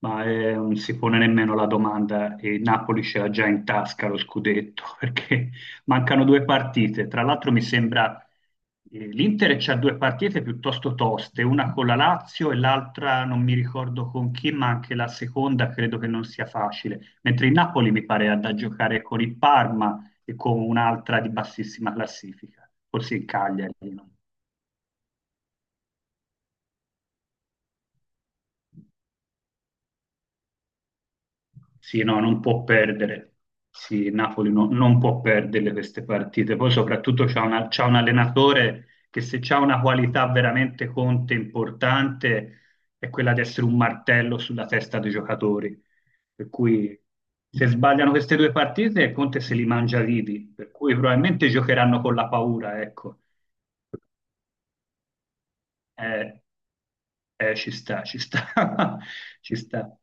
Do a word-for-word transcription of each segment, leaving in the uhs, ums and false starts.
ma eh, Non si pone nemmeno la domanda e il Napoli ce l'ha già in tasca lo scudetto perché mancano due partite. Tra l'altro mi sembra eh, l'Inter c'ha due partite piuttosto toste, una con la Lazio e l'altra non mi ricordo con chi, ma anche la seconda credo che non sia facile. Mentre il Napoli mi pare ha da giocare con il Parma e con un'altra di bassissima classifica, forse il Cagliari. non- Sì, no, non può perdere. Sì, il Napoli no- non può perdere queste partite. Poi soprattutto c'ha una- c'ha un allenatore che se c'ha una qualità veramente Conte importante è quella di essere un martello sulla testa dei giocatori. Per cui se sbagliano queste due partite Conte se li mangia vivi, per cui probabilmente giocheranno con la paura, ecco. Eh, eh, ci sta, ci sta, ci sta.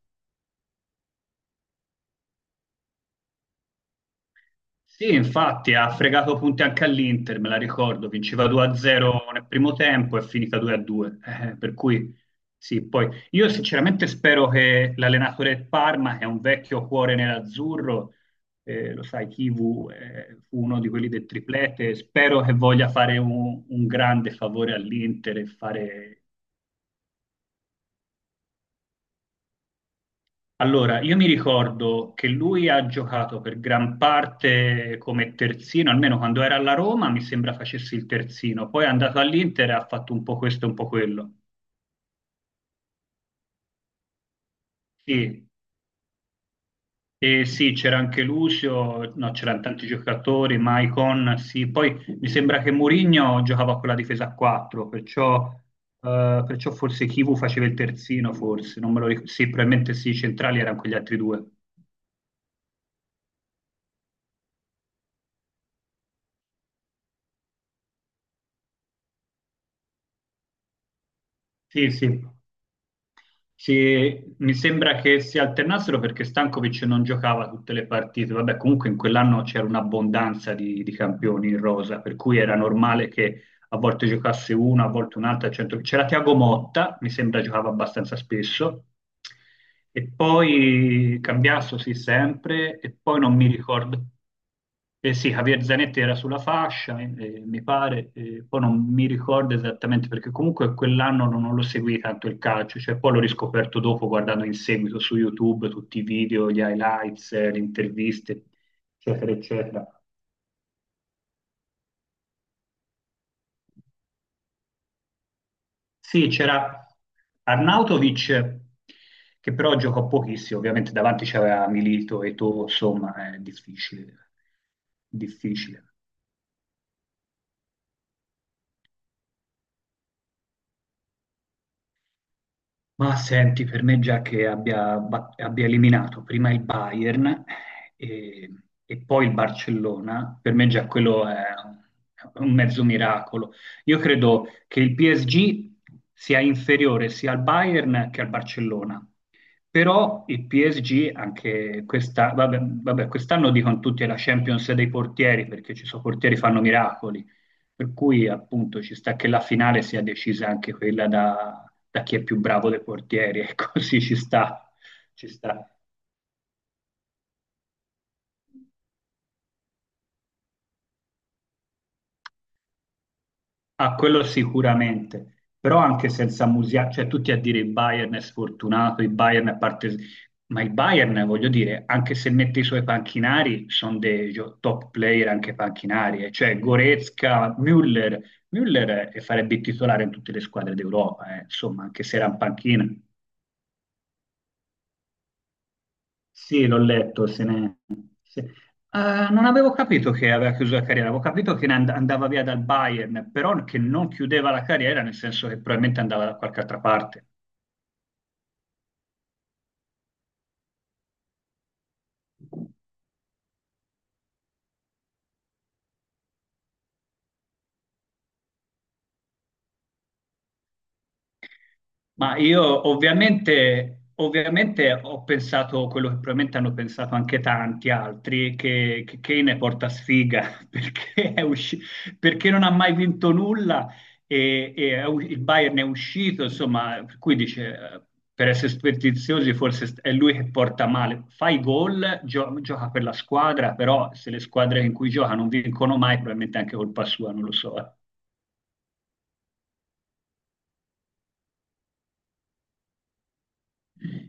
Sì, infatti ha fregato punti anche all'Inter, me la ricordo, vinceva due a zero nel primo tempo e è finita due a due. Eh, per cui sì, poi io sinceramente spero che l'allenatore del Parma, che è un vecchio cuore nerazzurro, eh, lo sai, Kivu eh, fu uno di quelli del triplete, spero che voglia fare un, un grande favore all'Inter e fare. Allora, io mi ricordo che lui ha giocato per gran parte come terzino, almeno quando era alla Roma, mi sembra facesse il terzino. Poi è andato all'Inter e ha fatto un po' questo e un po' quello. Sì, e sì, c'era anche Lucio, no, c'erano tanti giocatori, Maicon, sì. Poi mi sembra che Mourinho giocava con la difesa a quattro, perciò, eh, perciò forse Chivu faceva il terzino, forse, non me lo ricordo. Sì, probabilmente sì, i centrali erano quegli altri due. Sì, sì. Sì, mi sembra che si alternassero perché Stankovic non giocava tutte le partite. Vabbè, comunque in quell'anno c'era un'abbondanza di, di campioni in rosa, per cui era normale che a volte giocasse una, a volte un'altra. a centro- C'era Tiago Motta, mi sembra giocava abbastanza spesso, e poi Cambiasso sì sempre, e poi non mi ricordo. Eh sì, Javier Zanetti era sulla fascia, eh, eh, mi pare, eh, poi non mi ricordo esattamente perché comunque quell'anno non, non lo seguì tanto il calcio, cioè poi l'ho riscoperto dopo guardando in seguito su YouTube tutti i video, gli highlights, eh, le interviste, eccetera, eccetera. Sì, c'era Arnautovic, che però giocò pochissimo, ovviamente davanti c'era Milito e Eto'o, insomma, è difficile, difficile. Ma senti, per me già che abbia, ba- abbia eliminato prima il Bayern e, e poi il Barcellona, per me già quello è un mezzo miracolo. Io credo che il P S G sia inferiore sia al Bayern che al Barcellona, però il P S G anche questa, vabbè, vabbè, quest'anno dicono tutti è la Champions dei portieri perché ci sono portieri che fanno miracoli, per cui appunto ci sta che la finale sia decisa anche quella da, da chi è più bravo dei portieri, e così ci sta, ci sta. A quello sicuramente, però anche senza Musiala, cioè tutti a dire il Bayern è sfortunato, il Bayern è parte... Ma il Bayern, voglio dire, anche se mette i suoi panchinari, sono dei gio- top player anche panchinari, eh. Cioè Goretzka, Müller, Müller eh, farebbe il titolare in tutte le squadre d'Europa, eh. Insomma, anche se era in panchina. Sì, l'ho letto. Se ne... se- Eh, non avevo capito che aveva chiuso la carriera, avevo capito che ne and- andava via dal Bayern, però che non chiudeva la carriera, nel senso che probabilmente andava da qualche altra parte. Ma io ovviamente, ovviamente ho pensato quello che probabilmente hanno pensato anche tanti altri, che, che Kane porta sfiga perché, è usci- perché non ha mai vinto nulla e, e è u- il Bayern è uscito, insomma, per cui dice, eh, per essere superstiziosi forse st- è lui che porta male. Fa i gol, gio- gioca per la squadra, però se le squadre in cui gioca non vincono mai, probabilmente è anche colpa sua, non lo so. Eh.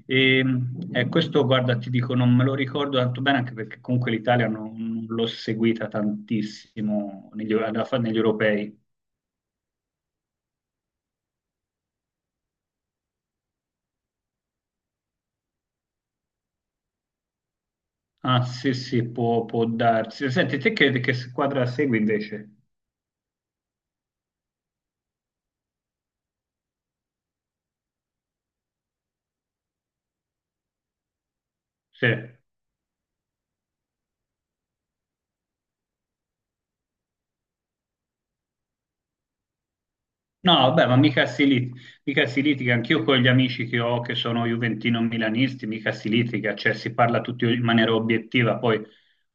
E, eh, questo, guarda, ti dico, non me lo ricordo tanto bene, anche perché comunque l'Italia non, non l'ho seguita tantissimo negli, alla fa- negli europei. Ah, sì, sì, può, può darsi. Senti, te che, che squadra segui invece? Sì. No, vabbè, ma mica si, lit- mica si litiga, anch'io con gli amici che ho che sono juventino-milanisti, mica si litiga, cioè si parla tutti in maniera obiettiva, poi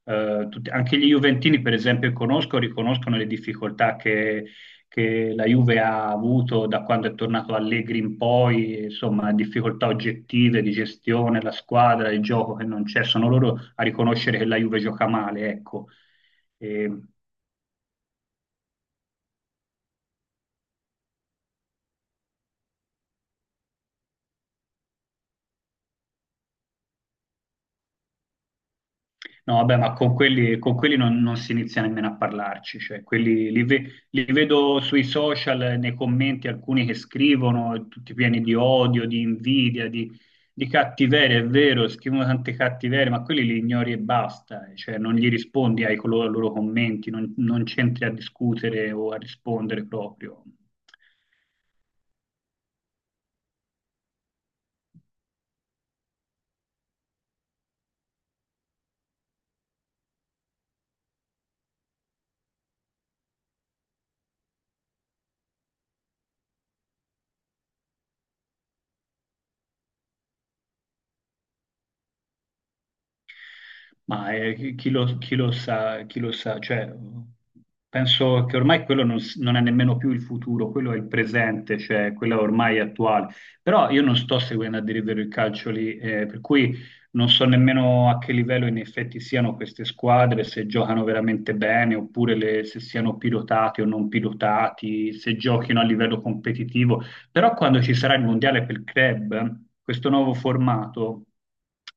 eh, tutti- anche gli juventini per esempio conosco, riconoscono le difficoltà che, che la Juve ha avuto da quando è tornato Allegri in poi, insomma difficoltà oggettive di gestione, la squadra, il gioco che non c'è, sono loro a riconoscere che la Juve gioca male, ecco. No, vabbè, ma con quelli, con quelli non, non si inizia nemmeno a parlarci, cioè quelli li, ve- li vedo sui social, eh, nei commenti, alcuni che scrivono, tutti pieni di odio, di invidia, di, di cattiveria, è vero, scrivono tante cattiverie, ma quelli li ignori e basta, eh, cioè non gli rispondi ai colo- ai loro commenti, non, non c'entri a discutere o a rispondere proprio. Ma eh, chi chi lo, chi lo sa, chi lo sa, cioè, penso che ormai quello non, s- non è nemmeno più il futuro, quello è il presente, cioè quello ormai è attuale. Però io non sto seguendo a dire il vero il calcio lì, eh, per cui non so nemmeno a che livello in effetti siano queste squadre, se giocano veramente bene, oppure le- se siano pilotati o non pilotati, se giochino a livello competitivo. Però quando ci sarà il mondiale per il club, questo nuovo formato,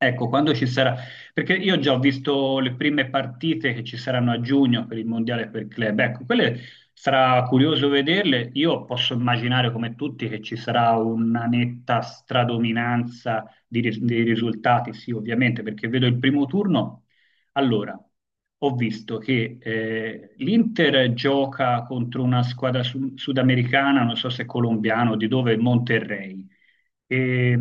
ecco, quando ci sarà perché io già ho visto le prime partite che ci saranno a giugno per il mondiale per club, ecco, quelle sarà curioso vederle, io posso immaginare come tutti che ci sarà una netta stradominanza di ris- dei risultati, sì ovviamente, perché vedo il primo turno, allora, ho visto che eh, l'Inter gioca contro una squadra su- sudamericana, non so se colombiana o di dove, Monterrey. E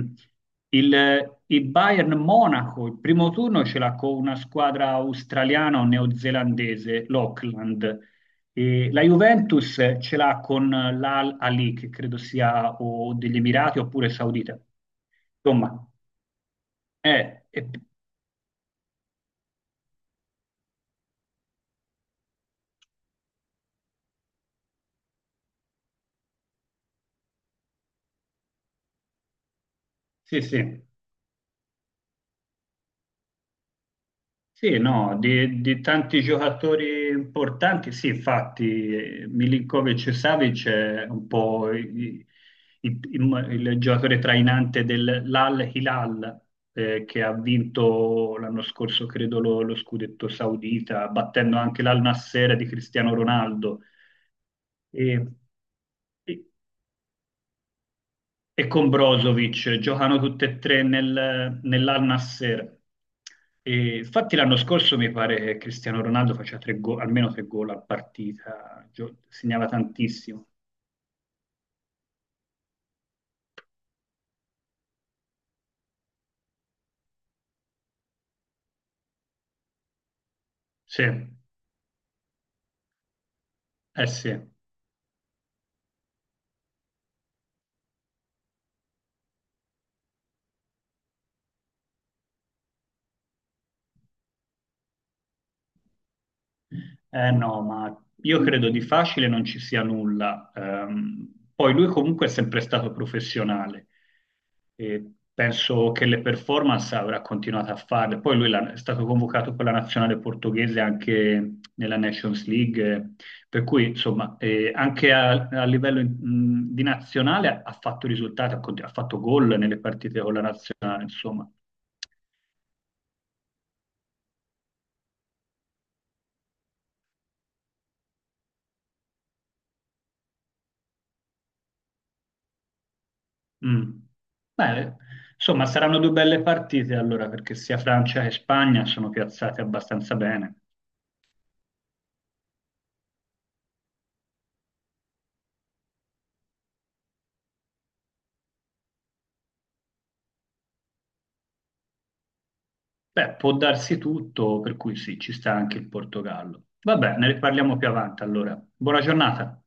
il, il Bayern Monaco, il primo turno ce l'ha con una squadra australiana o neozelandese, l'Auckland. E la Juventus ce l'ha con l'Al Ali, che credo sia o degli Emirati oppure Saudita. Insomma, eh, eh, sì, sì. Sì, no, di, di tanti giocatori importanti, sì, infatti eh, Milinkovic e Savic è un po' i- i- il, il giocatore trainante dell'Al Hilal eh, che ha vinto l'anno scorso, credo, lo, lo scudetto saudita, battendo anche l'Al Nassr di Cristiano Ronaldo. E- e con Brozovic, giocano tutte e tre nel, nell'Al-Nassr. E infatti l'anno scorso mi pare che Cristiano Ronaldo faceva tre go- almeno tre gol a partita, gio- segnava tantissimo. Sì, eh sì. Eh no, ma io credo di facile non ci sia nulla. Ehm, poi lui comunque è sempre stato professionale e penso che le performance avrà continuato a farle. Poi lui l'ha- è stato convocato con la nazionale portoghese anche nella Nations League, eh, per cui insomma eh, anche a, a livello mh, di nazionale ha fatto risultati, ha cont- ha fatto gol nelle partite con la nazionale, insomma. Mm. Beh, insomma, saranno due belle partite allora, perché sia Francia che Spagna sono piazzate abbastanza bene. Beh, può darsi tutto, per cui sì, ci sta anche il Portogallo. Vabbè, ne riparliamo più avanti allora. Buona giornata.